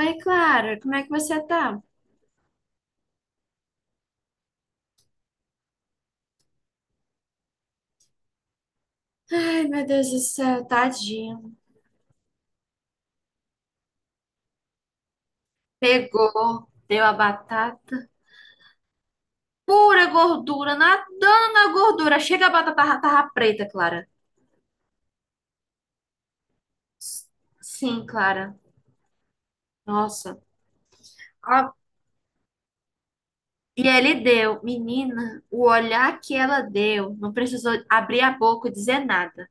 Oi, Clara, como é que você tá? Ai, meu Deus do céu, tadinho. Pegou, deu a batata. Pura gordura, nadando na gordura. Chega a tava preta, Clara. Sim, Clara. Nossa. Ó, e ele deu, menina, o olhar que ela deu, não precisou abrir a boca e dizer nada.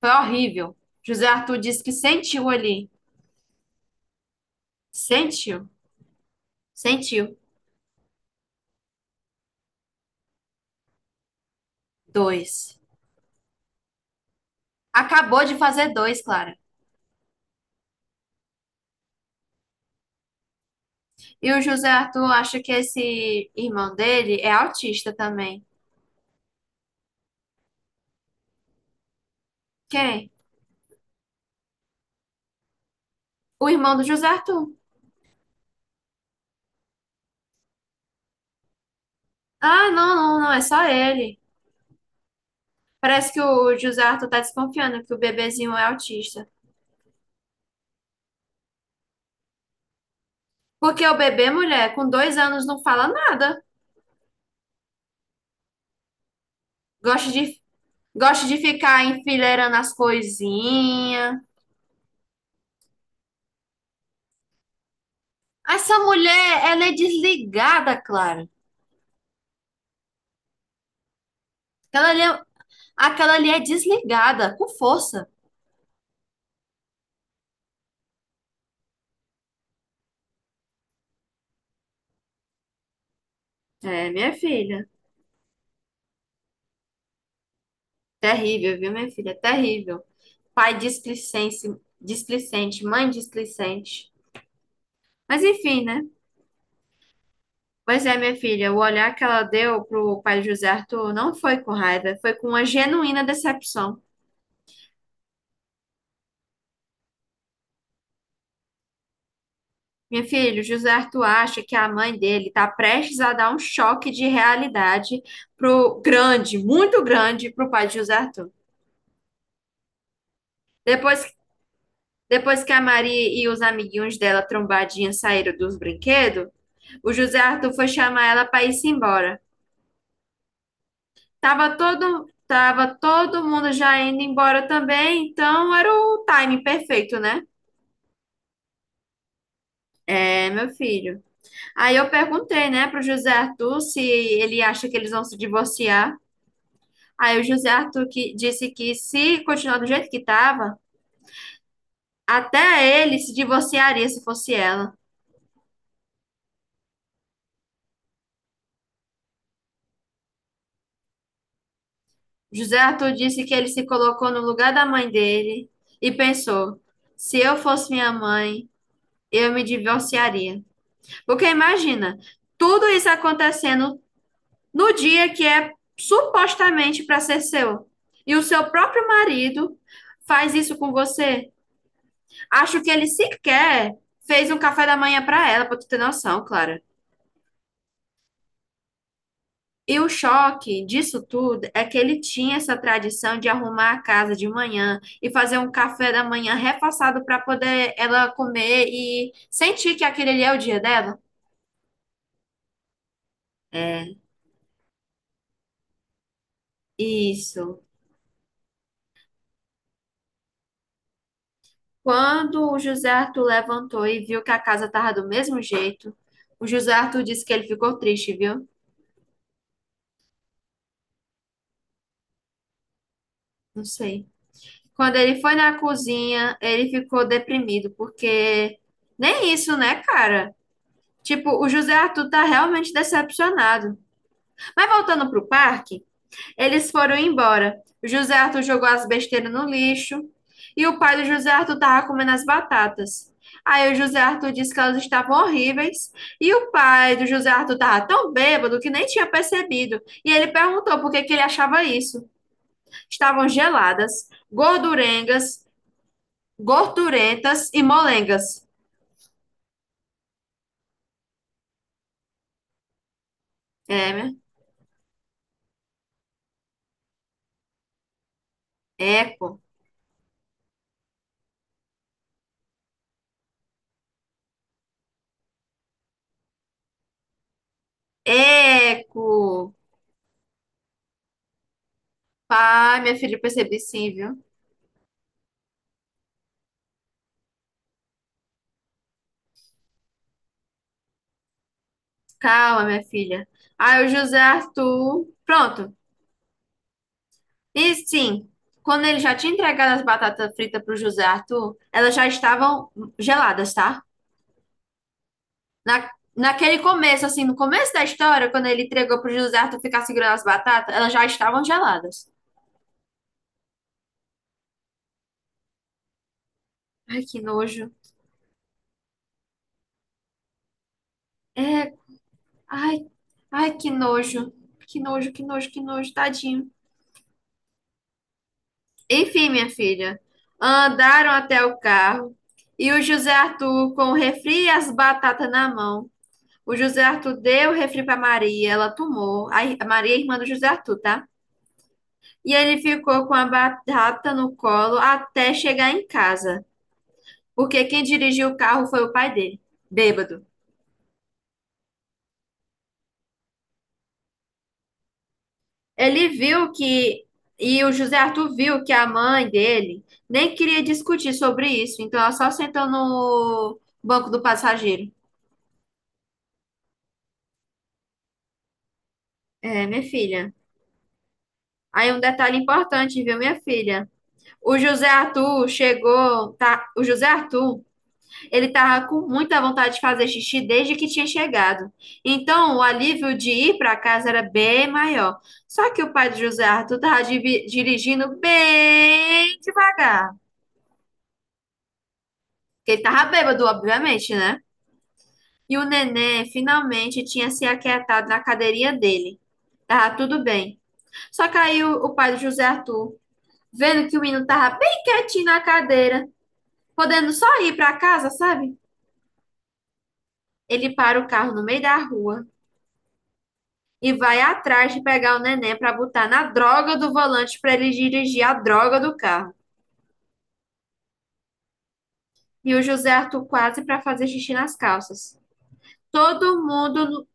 Foi horrível. José Arthur disse que sentiu ali. Sentiu, sentiu. Dois. Acabou de fazer 2, Clara. E o José Arthur acha que esse irmão dele é autista também. Quem? O irmão do José Arthur. Ah, não, não, não, é só ele. Parece que o José Arthur tá desconfiando que o bebezinho é autista. Porque o bebê, mulher, com 2 anos não fala nada. Gosta de, gosta de ficar enfileirando as coisinhas. Essa mulher, ela é desligada, Clara. Aquela ali é, aquela ali é desligada, com força. É, minha filha. Terrível, viu, minha filha? Terrível. Pai displicente, displicente, mãe displicente. Mas enfim, né? Pois é, minha filha, o olhar que ela deu pro pai de José Arthur não foi com raiva, foi com uma genuína decepção. Minha filha, o José Arthur acha que a mãe dele está prestes a dar um choque de realidade pro grande, muito grande, pro pai de José Arthur. Depois, depois que a Maria e os amiguinhos dela trombadinha saíram dos brinquedos, o José Arthur foi chamar ela para ir-se embora. Tava todo mundo já indo embora também, então era o timing perfeito, né? É, meu filho. Aí eu perguntei, né, pro José Arthur se ele acha que eles vão se divorciar. Aí o disse que se continuar do jeito que tava, até ele se divorciaria se fosse ela. José Arthur disse que ele se colocou no lugar da mãe dele e pensou: se eu fosse minha mãe, eu me divorciaria. Porque imagina, tudo isso acontecendo no dia que é supostamente para ser seu. E o seu próprio marido faz isso com você. Acho que ele sequer fez um café da manhã para ela, para tu ter noção, Clara. E o choque disso tudo é que ele tinha essa tradição de arrumar a casa de manhã e fazer um café da manhã reforçado para poder ela comer e sentir que aquele ali é o dia dela. É, isso. Quando o José Arthur levantou e viu que a casa estava do mesmo jeito, o José Arthur disse que ele ficou triste, viu? Não sei. Quando ele foi na cozinha, ele ficou deprimido, porque nem isso, né, cara? Tipo, o José Arthur tá realmente decepcionado. Mas voltando pro parque, eles foram embora. O José Arthur jogou as besteiras no lixo e o pai do José Arthur estava comendo as batatas. Aí o José Arthur disse que elas estavam horríveis e o pai do José Arthur estava tão bêbado que nem tinha percebido. E ele perguntou por que que ele achava isso. Estavam geladas, gordurengas, gordurentas e molengas. É, né? Eco. Eco. Pai, minha filha, eu percebi sim, viu? Calma, minha filha. Aí o José Arthur. Pronto, e sim, quando ele já tinha entregado as batatas fritas para o José Arthur, elas já estavam geladas, tá? Naquele começo, assim, no começo da história, quando ele entregou para o José Arthur ficar segurando as batatas, elas já estavam geladas. Ai, que nojo. É, ai, ai, que nojo. Que nojo, que nojo, que nojo, tadinho. Enfim, minha filha, andaram até o carro e o José Arthur, com o refri e as batatas na mão, o José Arthur deu o refri para Maria, ela tomou. A Maria é irmã do José Arthur, tá? E ele ficou com a batata no colo até chegar em casa, porque quem dirigiu o carro foi o pai dele, bêbado. Ele viu que, e o José Arthur viu que a mãe dele nem queria discutir sobre isso, então ela só sentou no banco do passageiro. É, minha filha. Aí um detalhe importante, viu, minha filha? O José Arthur chegou, tá? O José Arthur ele estava com muita vontade de fazer xixi desde que tinha chegado. Então, o alívio de ir para casa era bem maior. Só que o pai de José Arthur estava dirigindo bem devagar. Porque ele estava bêbado, obviamente, né? E o neném finalmente tinha se aquietado na cadeirinha dele. Tava tudo bem. Só que aí o pai de José Arthur, vendo que o menino tava bem quietinho na cadeira, podendo só ir para casa, sabe? Ele para o carro no meio da rua e vai atrás de pegar o neném para botar na droga do volante para ele dirigir a droga do carro. E o José Arthur quase para fazer xixi nas calças. Todo mundo, no-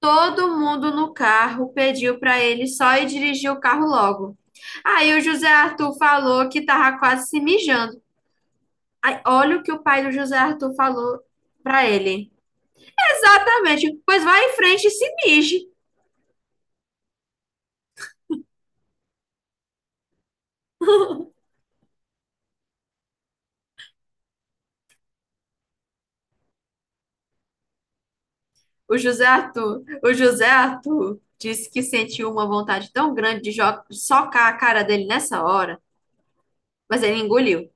Todo mundo no carro pediu para ele só ir dirigir o carro logo. Aí o José Arthur falou que tava quase se mijando. Aí, olha o que o pai do José Arthur falou para ele. Exatamente. Pois vai em frente e se mije. O José Arthur disse que sentiu uma vontade tão grande de socar a cara dele nessa hora, mas ele engoliu.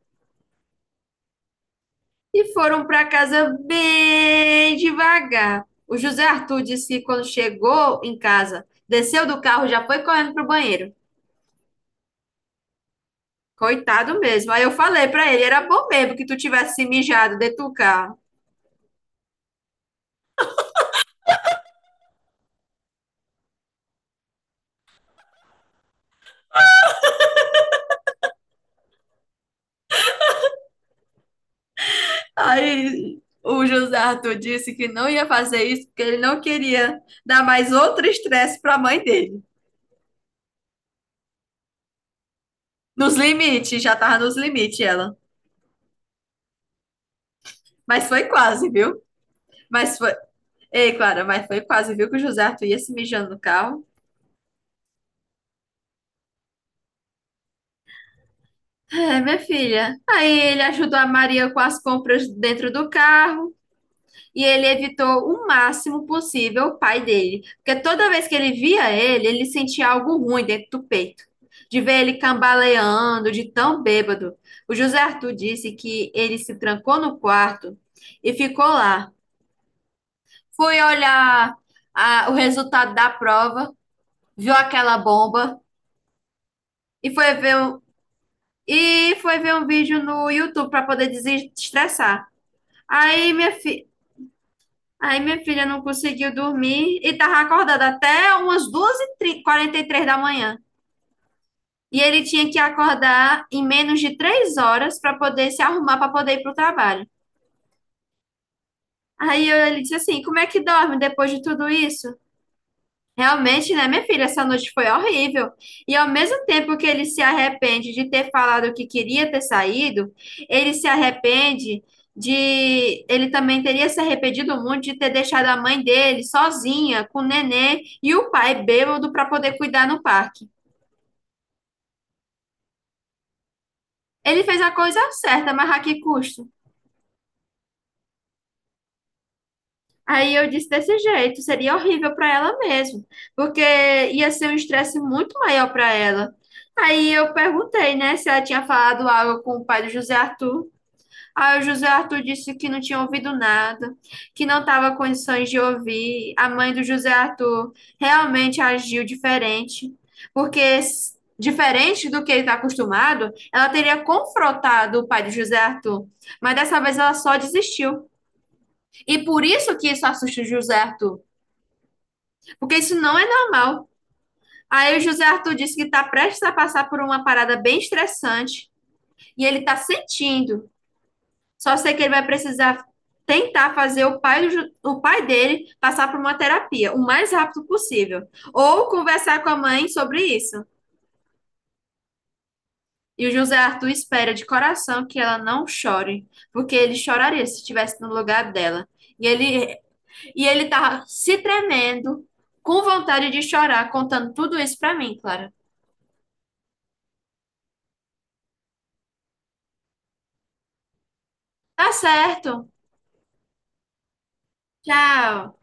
E foram para casa bem devagar. O José Arthur disse que quando chegou em casa, desceu do carro, e já foi correndo pro banheiro. Coitado mesmo. Aí eu falei para ele, era bom mesmo que tu tivesse se mijado dentro do carro. Aí o José Arthur disse que não ia fazer isso porque ele não queria dar mais outro estresse para a mãe dele. Nos limites, já tava nos limites ela. Mas foi quase, viu? Mas foi. Ei, Clara, mas foi quase, viu? Que o José Arthur ia se mijando no carro. É, minha filha. Aí ele ajudou a Maria com as compras dentro do carro e ele evitou o máximo possível o pai dele. Porque toda vez que ele via ele, ele sentia algo ruim dentro do peito. De ver ele cambaleando, de tão bêbado. O José Arthur disse que ele se trancou no quarto e ficou lá. Fui olhar o resultado da prova, viu aquela bomba e foi ver e foi ver um vídeo no YouTube para poder desestressar. Aí minha fi, Aí minha filha não conseguiu dormir e tava acordada até umas 2:43 da manhã. E ele tinha que acordar em menos de 3 horas para poder se arrumar para poder ir para o trabalho. Ele disse assim: Como é que dorme depois de tudo isso? Realmente, né, minha filha, essa noite foi horrível. E ao mesmo tempo que ele se arrepende de ter falado que queria ter saído, ele se arrepende de. Ele também teria se arrependido muito de ter deixado a mãe dele sozinha, com o nenê e o pai bêbado para poder cuidar no parque. Ele fez a coisa certa, mas a que custo? Aí eu disse desse jeito, seria horrível para ela mesmo, porque ia ser um estresse muito maior para ela. Aí eu perguntei, né, se ela tinha falado algo com o pai do José Arthur. Aí o José Arthur disse que não tinha ouvido nada, que não estava com condições de ouvir. A mãe do José Arthur realmente agiu diferente, porque diferente do que ele está acostumado, ela teria confrontado o pai do José Arthur, mas dessa vez ela só desistiu. E por isso que isso assusta o José Arthur porque isso não é normal. Aí o José Arthur disse que está prestes a passar por uma parada bem estressante e ele está sentindo. Só sei que ele vai precisar tentar fazer o pai, do o pai dele passar por uma terapia o mais rápido possível ou conversar com a mãe sobre isso. E o José Arthur espera de coração que ela não chore, porque ele choraria se estivesse no lugar dela. E ele e ele tá se tremendo, com vontade de chorar, contando tudo isso para mim, Clara. Tá certo. Tchau.